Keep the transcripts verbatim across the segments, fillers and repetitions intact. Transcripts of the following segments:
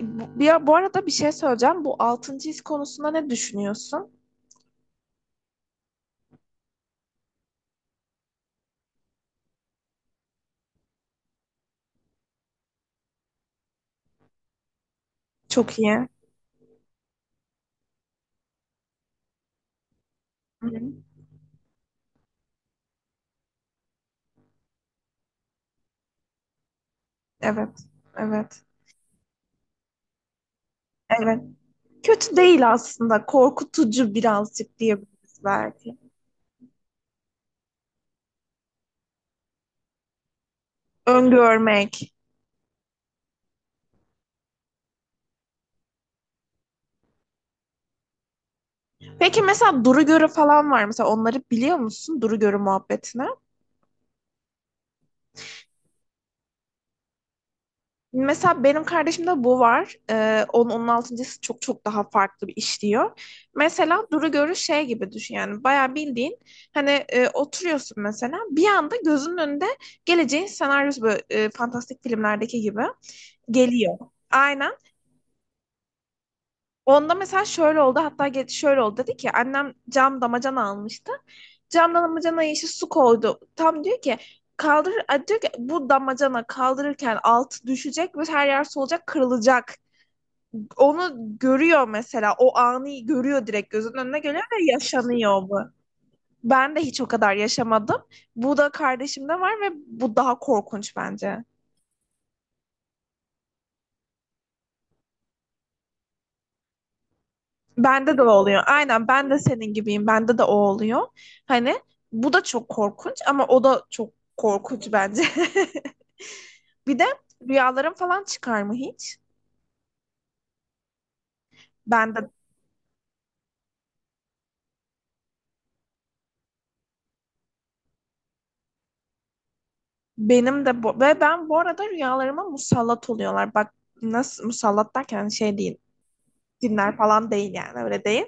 Bu, bir, bu arada bir şey söyleyeceğim. Bu altıncı his konusunda ne düşünüyorsun? Çok iyi. Hı hı. Evet, evet, evet. Kötü değil aslında. Korkutucu birazcık diyebiliriz belki. Öngörmek. Peki mesela duru görü falan var. Mesela onları biliyor musun? Duru görü muhabbetini. Mesela benim kardeşimde bu var. Ee, onun, on altıncısı çok çok daha farklı bir işliyor. Mesela duru görü şey gibi düşün yani bayağı bildiğin hani e, oturuyorsun mesela bir anda gözünün önünde geleceğin senaryosu böyle e, fantastik filmlerdeki gibi geliyor. Aynen. Onda mesela şöyle oldu hatta ge- şöyle oldu dedi ki annem cam damacana almıştı. Cam damacanaya işte su koydu. Tam diyor ki kaldır diyor ki bu damacana kaldırırken altı düşecek ve her yer solacak kırılacak. Onu görüyor mesela. O anı görüyor direkt gözünün önüne geliyor ve yaşanıyor bu. Ben de hiç o kadar yaşamadım. Bu da kardeşimde var ve bu daha korkunç bence. Bende de o oluyor. Aynen ben de senin gibiyim. Bende de o oluyor. Hani bu da çok korkunç ama o da çok korkunç bence. Bir de rüyalarım falan çıkar mı hiç? Ben de benim de bu, ve ben bu arada rüyalarıma musallat oluyorlar. Bak nasıl musallat derken şey değil. Cinler falan değil yani öyle değil.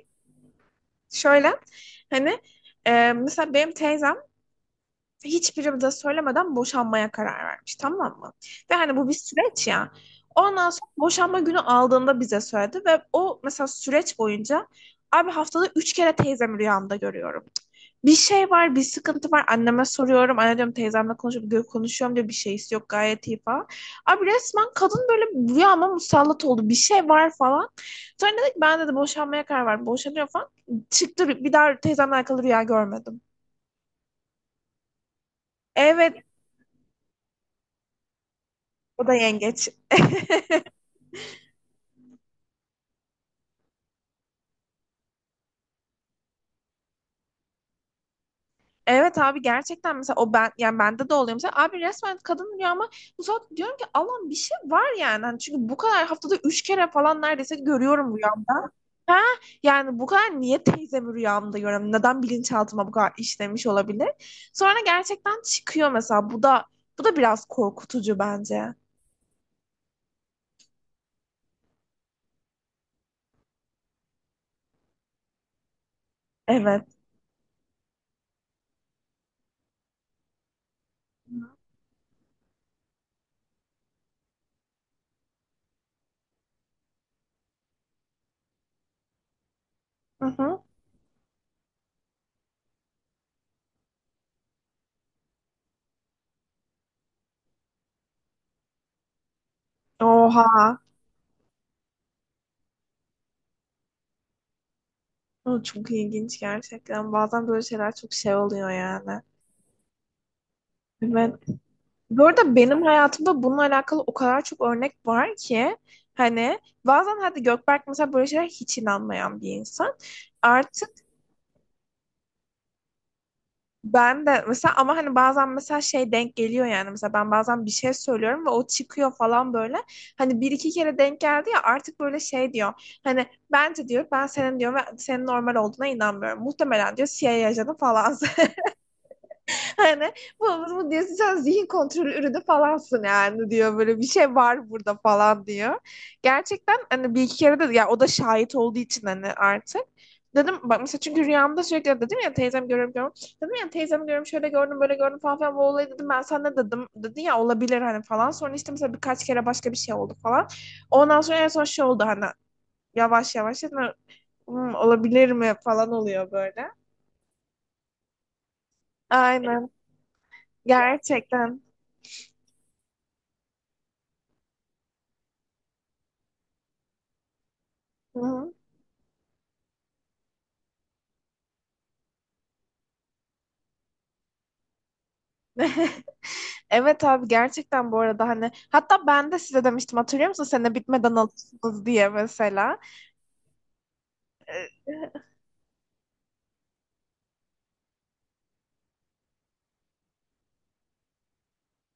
Şöyle hani e, mesela benim teyzem hiçbiri de söylemeden boşanmaya karar vermiş, tamam mı? Ve hani bu bir süreç ya. Ondan sonra boşanma günü aldığında bize söyledi ve o mesela süreç boyunca abi haftada üç kere teyzemi rüyamda görüyorum. Bir şey var, bir sıkıntı var. Anneme soruyorum. Anne diyorum teyzemle konuşup konuşuyorum diyor. Bir şeysi yok gayet iyi falan. Abi resmen kadın böyle rüyama musallat oldu. Bir şey var falan. Sonra dedik ben dedi boşanmaya karar verdim. Boşanıyor falan. Çıktı bir daha teyzemle alakalı rüya görmedim. Evet, o da yengeç. Evet abi gerçekten mesela o ben yani bende de oluyor mesela abi resmen kadın rüyama ama bu saat diyorum ki Allah'ım bir şey var yani. Hani çünkü bu kadar haftada üç kere falan neredeyse görüyorum rüyamda. Ha, yani bu kadar niye teyzemi rüyamda görüyorum, neden bilinçaltıma bu kadar işlemiş olabilir. Sonra gerçekten çıkıyor mesela bu da bu da biraz korkutucu bence. Evet. Hı hı. Oha. O çok ilginç gerçekten. Bazen böyle şeyler çok şey oluyor yani. Evet. Bu arada benim hayatımda bununla alakalı o kadar çok örnek var ki hani bazen hadi Gökberk mesela böyle şeyler hiç inanmayan bir insan. Artık ben de mesela ama hani bazen mesela şey denk geliyor yani mesela ben bazen bir şey söylüyorum ve o çıkıyor falan böyle. Hani bir iki kere denk geldi ya artık böyle şey diyor. Hani bence diyor ben senin diyor ve senin normal olduğuna inanmıyorum. Muhtemelen diyor C I A ajanı falan. Hani bu, bu diyorsun sen zihin kontrolü ürünü falansın yani diyor böyle bir şey var burada falan diyor. Gerçekten hani bir iki kere de ya o da şahit olduğu için hani artık dedim bak mesela çünkü rüyamda sürekli dedim ya teyzem görüyorum görüyorum. Dedim ya teyzem görüyorum şöyle gördüm böyle gördüm falan filan bu olayı dedim ben sana ne dedim dedi ya olabilir hani falan. Sonra işte mesela birkaç kere başka bir şey oldu falan. Ondan sonra en son şey oldu hani yavaş yavaş dedim, "Hmm, olabilir mi falan oluyor böyle. Aynen gerçekten. Hı hı. Evet abi gerçekten bu arada hani hatta ben de size demiştim hatırlıyor musun sene bitmeden alırsınız diye mesela. Ee,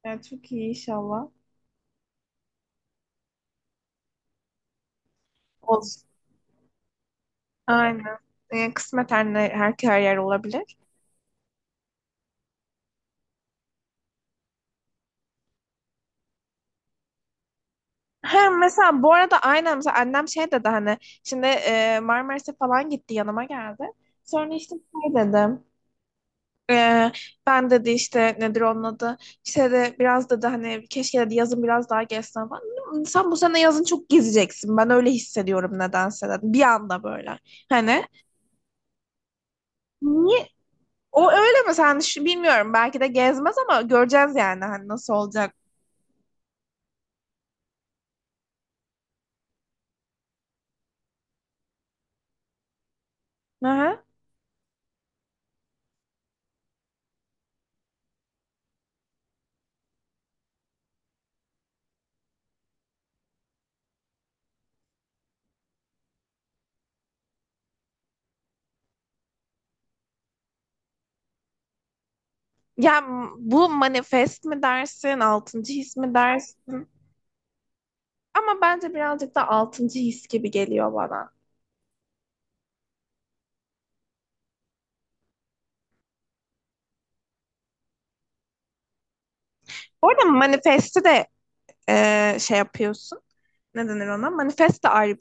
yani çok iyi inşallah. Olsun. Aynen. Yani kısmet her, ne- her, her yer olabilir. Ha, mesela bu arada aynen mesela annem şey dedi hani şimdi e, Marmaris'e falan gitti yanıma geldi. Sonra işte şey dedi. Ee, ben dedi işte nedir onun adı işte de biraz dedi hani keşke dedi yazın biraz daha gezsen falan. Sen bu sene yazın çok gezeceksin ben öyle hissediyorum nedense dedi bir anda böyle hani niye o öyle mi sen şu, bilmiyorum belki de gezmez ama göreceğiz yani hani nasıl olacak. Aha. Ya m- bu manifest mi dersin altıncı his mi dersin ama bence birazcık da altıncı his gibi geliyor bana. Orada manifesti de e, şey yapıyorsun. Ne denir ona? Manifest de ayrı.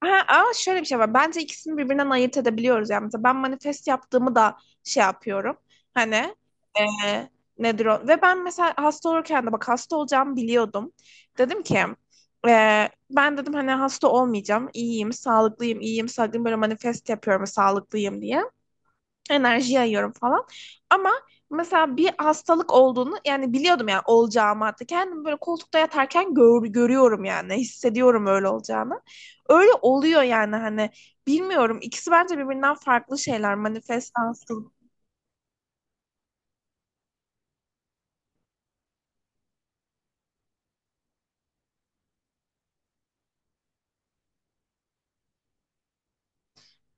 Ha, ama şöyle bir şey var. Bence ikisini birbirinden ayırt edebiliyoruz. Yani mesela ben manifest yaptığımı da şey yapıyorum. Hani e, nedir o? Ve ben mesela hasta olurken de bak hasta olacağımı biliyordum. Dedim ki e, ben dedim hani hasta olmayacağım. İyiyim, sağlıklıyım, iyiyim, sağlıklıyım. Böyle manifest yapıyorum sağlıklıyım diye. Enerji yayıyorum falan. Ama mesela bir hastalık olduğunu yani biliyordum yani olacağımı hatta kendim böyle koltukta yatarken gör- görüyorum yani hissediyorum öyle olacağını. Öyle oluyor yani hani bilmiyorum ikisi bence birbirinden farklı şeyler manifest hastalık.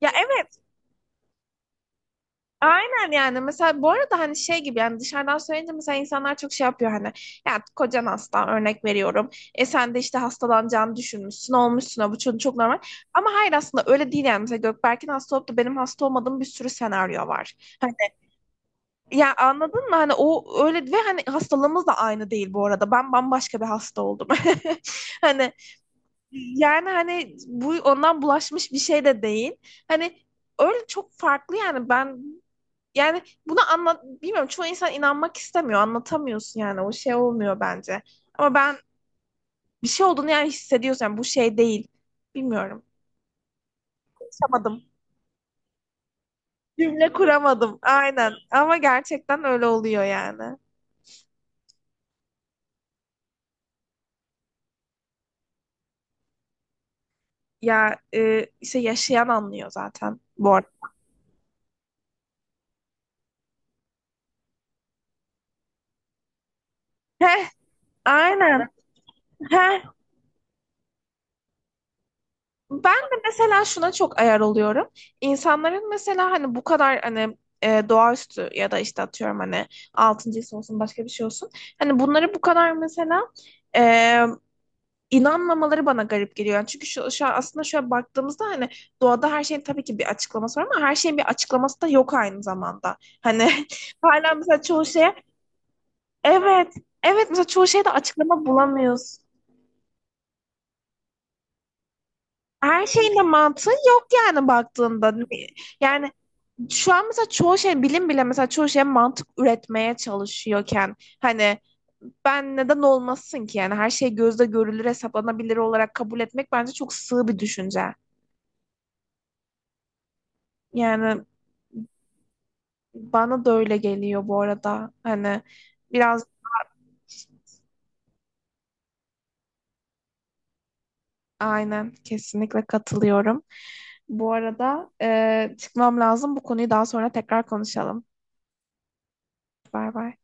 Ya evet. Aynen yani mesela bu arada hani şey gibi yani dışarıdan söyleyince mesela insanlar çok şey yapıyor hani ya kocan hasta örnek veriyorum e sen de işte hastalanacağını düşünmüşsün olmuşsun ha, bu çok, çok normal ama hayır aslında öyle değil yani mesela Gökberk'in hasta olup da benim hasta olmadığım bir sürü senaryo var hani ya anladın mı hani o öyle ve hani hastalığımız da aynı değil bu arada ben bambaşka bir hasta oldum. Hani yani hani bu ondan bulaşmış bir şey de değil hani öyle çok farklı yani ben yani bunu anlat bilmiyorum çoğu insan inanmak istemiyor. Anlatamıyorsun yani o şey olmuyor bence. Ama ben bir şey olduğunu yani hissediyorsun. Yani bu şey değil. Bilmiyorum. Yaşamadım. Cümle kuramadım. Aynen. Ama gerçekten öyle oluyor yani. Ya e, işte yaşayan anlıyor zaten bu arada. Heh, aynen. Heh, ben de mesela şuna çok ayar oluyorum. İnsanların mesela hani bu kadar hani e, doğaüstü ya da işte atıyorum hani altıncı his olsun başka bir şey olsun. Hani bunları bu kadar mesela e, inanmamaları bana garip geliyor. Yani çünkü şu, şu an aslında şöyle baktığımızda hani doğada her şeyin tabii ki bir açıklaması var ama her şeyin bir açıklaması da yok aynı zamanda. Hani hala mesela çoğu şeye evet, evet mesela çoğu şeyde açıklama bulamıyoruz. Her şeyin de mantığı yok yani baktığında. Yani şu an mesela çoğu şey bilim bile mesela çoğu şey mantık üretmeye çalışıyorken hani ben neden olmasın ki yani her şey gözle görülür hesaplanabilir olarak kabul etmek bence çok sığ bir düşünce. Yani bana da öyle geliyor bu arada. Hani biraz aynen kesinlikle katılıyorum. Bu arada e, çıkmam lazım. Bu konuyu daha sonra tekrar konuşalım. Bay bay.